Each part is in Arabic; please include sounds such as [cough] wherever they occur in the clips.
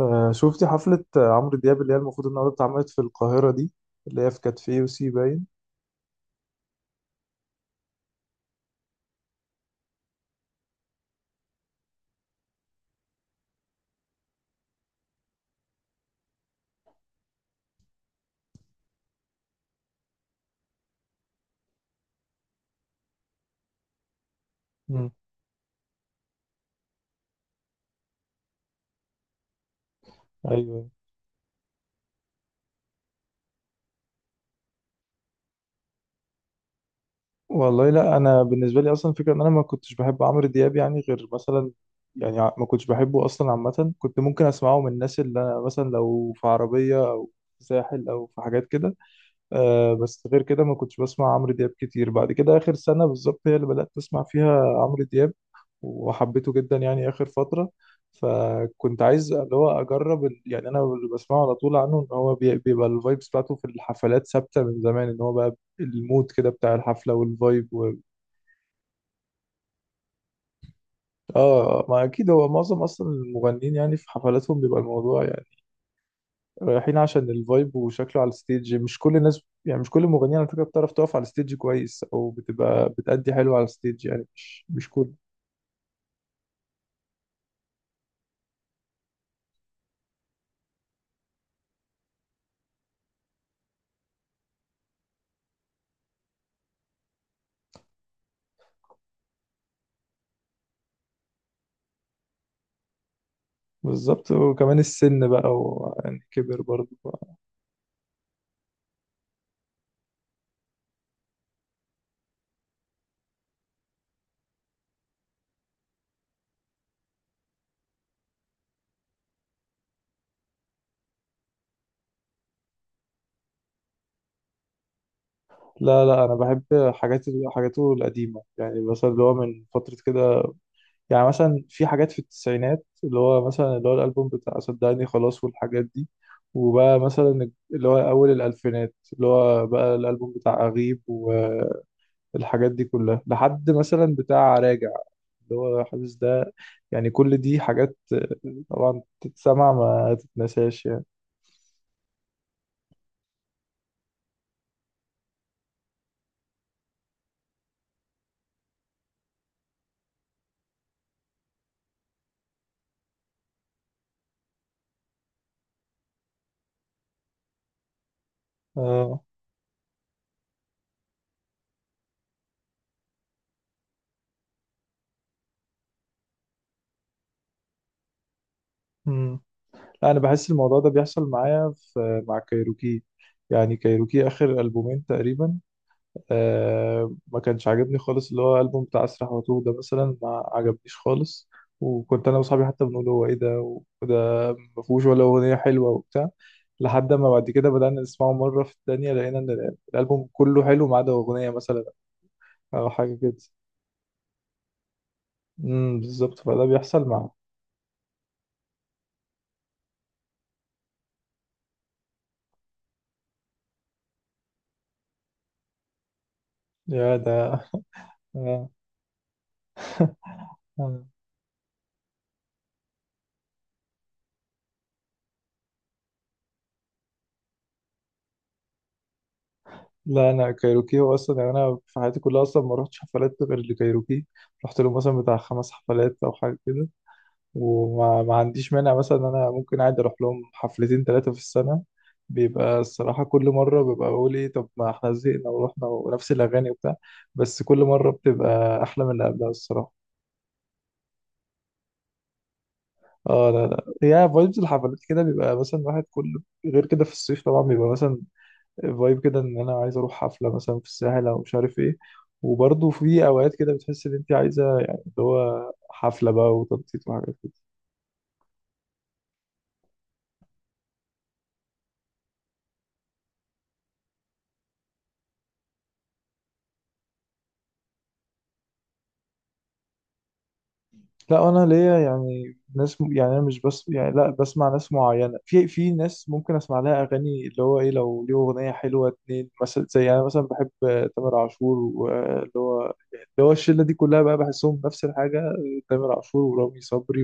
شفتي حفلة عمرو دياب اللي هي المفروض النهاردة اتعملت في القاهرة دي اللي هي في كاتفيه وسي باين. مم. ايوه، والله لا انا بالنسبة لي اصلا فكرة ان انا ما كنتش بحب عمرو دياب يعني غير مثلا، يعني ما كنتش بحبه اصلا عامة، كنت ممكن اسمعه من الناس اللي أنا مثلا لو في عربية او في ساحل او في حاجات كده. آه بس غير كده ما كنتش بسمع عمرو دياب كتير. بعد كده آخر سنة بالظبط هي اللي بدأت أسمع فيها عمرو دياب وحبيته جدا يعني آخر فترة. فكنت عايز اللي هو أجرب يعني أنا اللي بسمعه على طول عنه إن هو بيبقى الفايبس بتاعته في الحفلات ثابتة من زمان، إن هو بقى المود كده بتاع الحفلة والفايب. آه، ما أكيد هو معظم أصلا المغنيين يعني في حفلاتهم بيبقى الموضوع يعني رايحين عشان الفايب وشكله على الستيج. مش كل الناس يعني مش كل المغنيين على فكرة بتعرف تقف على الستيج كويس او بتبقى بتأدي حلو على الستيج، يعني مش كل. بالظبط، وكمان السن بقى ويعني كبر برضه. لا لا، انا بحب حاجات، حاجاته القديمه، يعني مثلا اللي هو من فتره كده. يعني مثلا في حاجات في التسعينات، اللي هو مثلا اللي هو الالبوم بتاع صدقني خلاص والحاجات دي. وبقى مثلا اللي هو اول الالفينات اللي هو بقى الالبوم بتاع اغيب. الحاجات دي كلها لحد مثلا بتاع راجع، اللي هو حاسس ده. يعني كل دي حاجات طبعا تتسمع ما تتنساش يعني. اه. امم. لا انا بحس الموضوع ده بيحصل معايا في مع كايروكي. يعني كايروكي اخر البومين تقريبا آه ما كانش عاجبني خالص، اللي هو البوم بتاع اسرح واتوه ده مثلا ما عجبنيش خالص. وكنت انا واصحابي حتى بنقول هو ايه ده، وده ما فيهوش ولا اغنيه حلوه وبتاع. لحد ما بعد كده بدأنا نسمعه مرة في التانية، لقينا إن الألبوم كله حلو ما عدا أغنية مثلا أو حاجة كده. امم، بالظبط. فده بيحصل مع. يا ده. آه، آه. لا، أنا كايروكي هو أصلا يعني أنا في حياتي كلها أصلا ما رحتش حفلات غير لكايروكي. رحت له مثلا بتاع خمس حفلات أو حاجة كده. وما ما عنديش مانع مثلا إن أنا ممكن عادي أروح لهم حفلتين تلاتة في السنة. بيبقى الصراحة كل مرة ببقى بقول إيه طب ما إحنا زهقنا ورحنا ونفس الأغاني وبتاع، بس كل مرة بتبقى أحلى من اللي قبلها الصراحة. اه لا لا، هي فايبز الحفلات كده بيبقى مثلا واحد كل غير كده. في الصيف طبعا بيبقى مثلا فايب كده ان انا عايز اروح حفله مثلا في الساحل او مش عارف ايه. وبرضه في اوقات كده بتحس ان انت عايزه يعني اللي هو حفله بقى وتنطيط وحاجات. لا، انا ليا يعني ناس يعني انا مش بس يعني لا بسمع ناس معينه، في في ناس ممكن اسمع لها اغاني اللي هو ايه لو ليه اغنيه حلوه اتنين مثلا. زي انا مثلا بحب تامر عاشور واللي هو يعني اللي هو الشله دي كلها بقى بحسهم نفس الحاجه. تامر عاشور ورامي صبري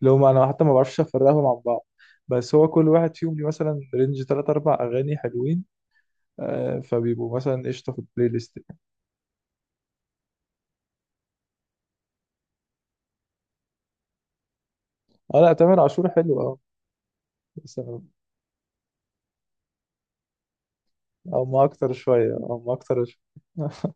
اللي هم انا حتى ما بعرفش افرقهم عن بعض. بس هو كل واحد فيهم ليه مثلا رينج تلات اربع اغاني حلوين. آه، فبيبقوا مثلا قشطه في البلاي ليست. اه، لا تامر عاشور حلو اه. بس أنا- او ما اكتر شويه، او ما اكتر شويه.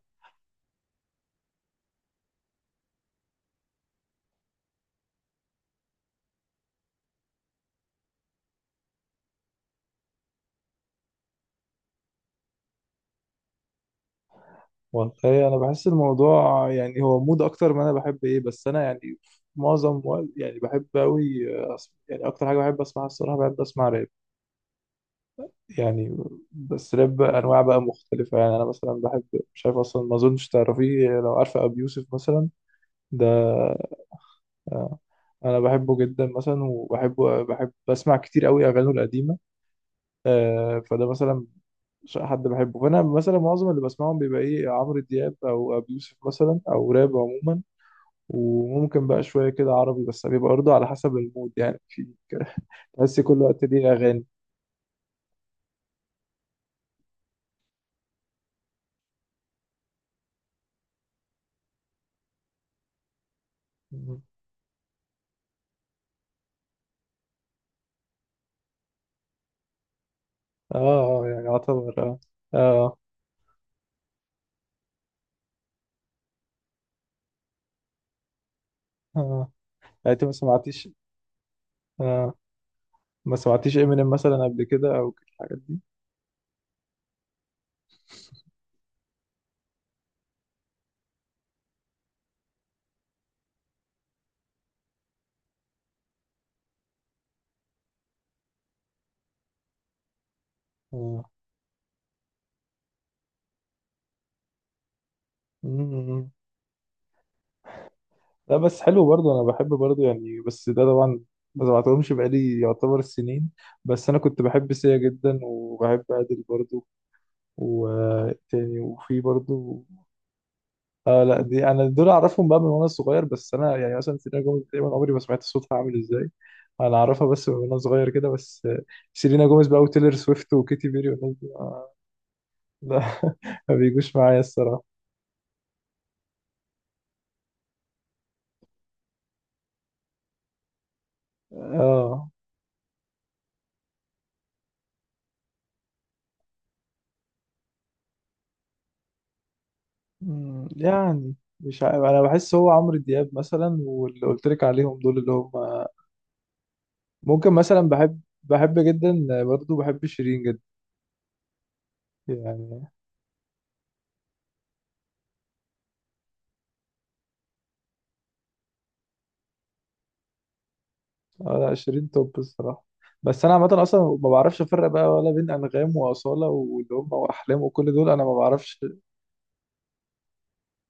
والله انا بحس الموضوع يعني هو مود اكتر ما انا بحب ايه، بس انا يعني معظم وقت يعني بحب قوي أسمع، يعني اكتر حاجه بحب اسمعها الصراحه بحب اسمع راب يعني. بس راب انواع بقى مختلفه. يعني انا مثلا بحب، مش عارف اصلا ما اظنش تعرفيه، لو عارفه ابي يوسف مثلا ده. آه، انا بحبه جدا مثلا، وبحبه بحب بسمع كتير قوي اغانيه القديمه. فده مثلا حد بحبه. فانا مثلا معظم اللي بسمعهم بيبقى ايه عمرو دياب او ابي يوسف مثلا او راب عموما. وممكن بقى شوية كده عربي، بس بيبقى برضه على حسب المود يعني. في [laughs] تحس كل وقت ليه أغاني. مم. اه اه يعني يعتبر اه. اه اه يعني انت ما سمعتيش اه ما سمعتيش امينيم مثلا قبل كده او كده الحاجات دي. اه. مم. لا بس حلو برضه، انا بحب برضه يعني. بس ده طبعا ما سمعتهمش بقالي يعتبر سنين. بس انا كنت بحب سيا جدا، وبحب ادل برضه، وتاني، وفي برضه. اه لا، دي انا دول اعرفهم بقى من وانا صغير. بس انا يعني مثلا سيلينا جوميز تقريبا عمري ما سمعت صوتها عامل ازاي. انا اعرفها بس من وانا صغير كده بس. سيلينا جوميز بقى وتيلر سويفت وكيتي بيري والناس دي لا [laughs] ما بيجوش معايا الصراحه. اه. أمم، يعني مش عارف. انا بحس هو عمرو دياب مثلا واللي قلت لك عليهم دول اللي هم، ممكن مثلا بحب، بحب جدا برضه بحب شيرين جدا. يعني انا 20 توب الصراحه. بس انا عامه اصلا ما بعرفش افرق بقى ولا بين انغام واصاله واللي هم واحلام وكل دول انا ما بعرفش.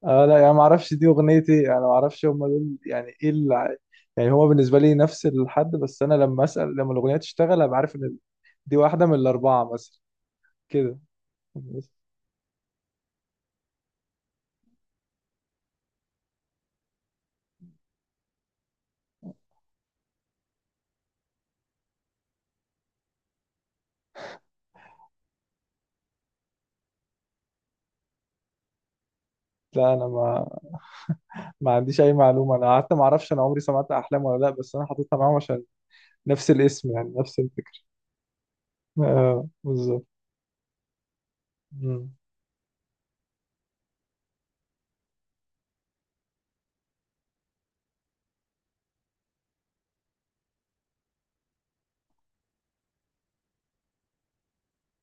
آه لا، يعني ما اعرفش دي اغنيتي، انا ما اعرفش هم دول يعني ايه اللي. يعني هو بالنسبه لي نفس الحد، بس انا لما اسال لما الاغنيه تشتغل ابقى عارف ان دي واحده من الاربعه مثلا. كده بس. لا انا ما عنديش اي معلومه، انا حتى ما اعرفش انا عمري سمعت احلام ولا لا، بس انا حاططها معاهم عشان نفس الاسم يعني نفس الفكره. اه بالظبط. مم.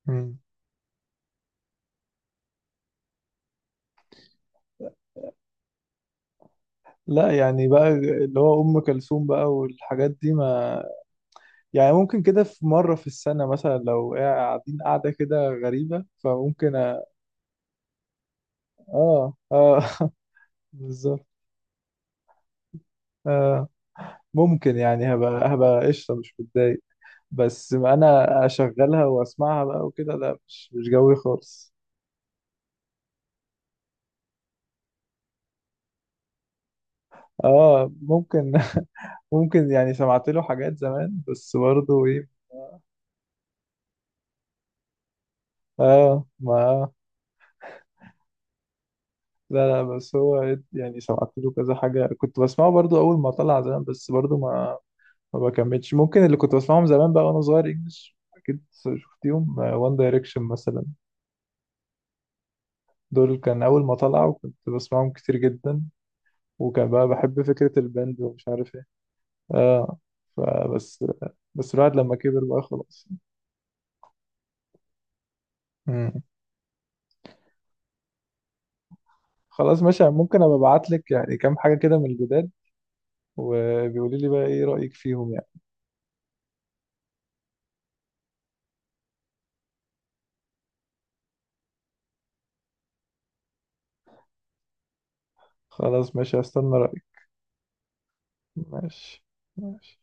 مم. لا يعني بقى اللي هو ام كلثوم بقى والحاجات دي ما، يعني ممكن كده في مره في السنه مثلا لو قاعدين قاعده كده غريبه فممكن. اه اه [laughs] بالظبط. آه، ممكن يعني هبقى قشطه مش متضايق، بس انا اشغلها واسمعها بقى وكده، لا مش جوي خالص. اه ممكن [laughs] ممكن يعني سمعت له حاجات زمان بس برضه ايه. اه ما لا لا، بس هو يعني سمعت له كذا حاجة، كنت بسمعه برضو أول ما طلع زمان. بس برضو ما بكملش. ممكن اللي كنت بسمعهم زمان بقى وأنا صغير إنجلش أكيد. شفتيهم وان دايركشن مثلا، دول كان أول ما طلعوا كنت بسمعهم كتير جدا، وكان بقى بحب فكرة الباند ومش عارف إيه. آه فبس. بس الواحد لما كبر بقى خلاص. مم. خلاص ماشي، ممكن أبقى أبعت لك يعني كام حاجة كده من الجداد، وبيقولي لي بقى إيه رأيك فيهم يعني. خلاص ماشي، هستنى رأيك. ماشي. ماشي.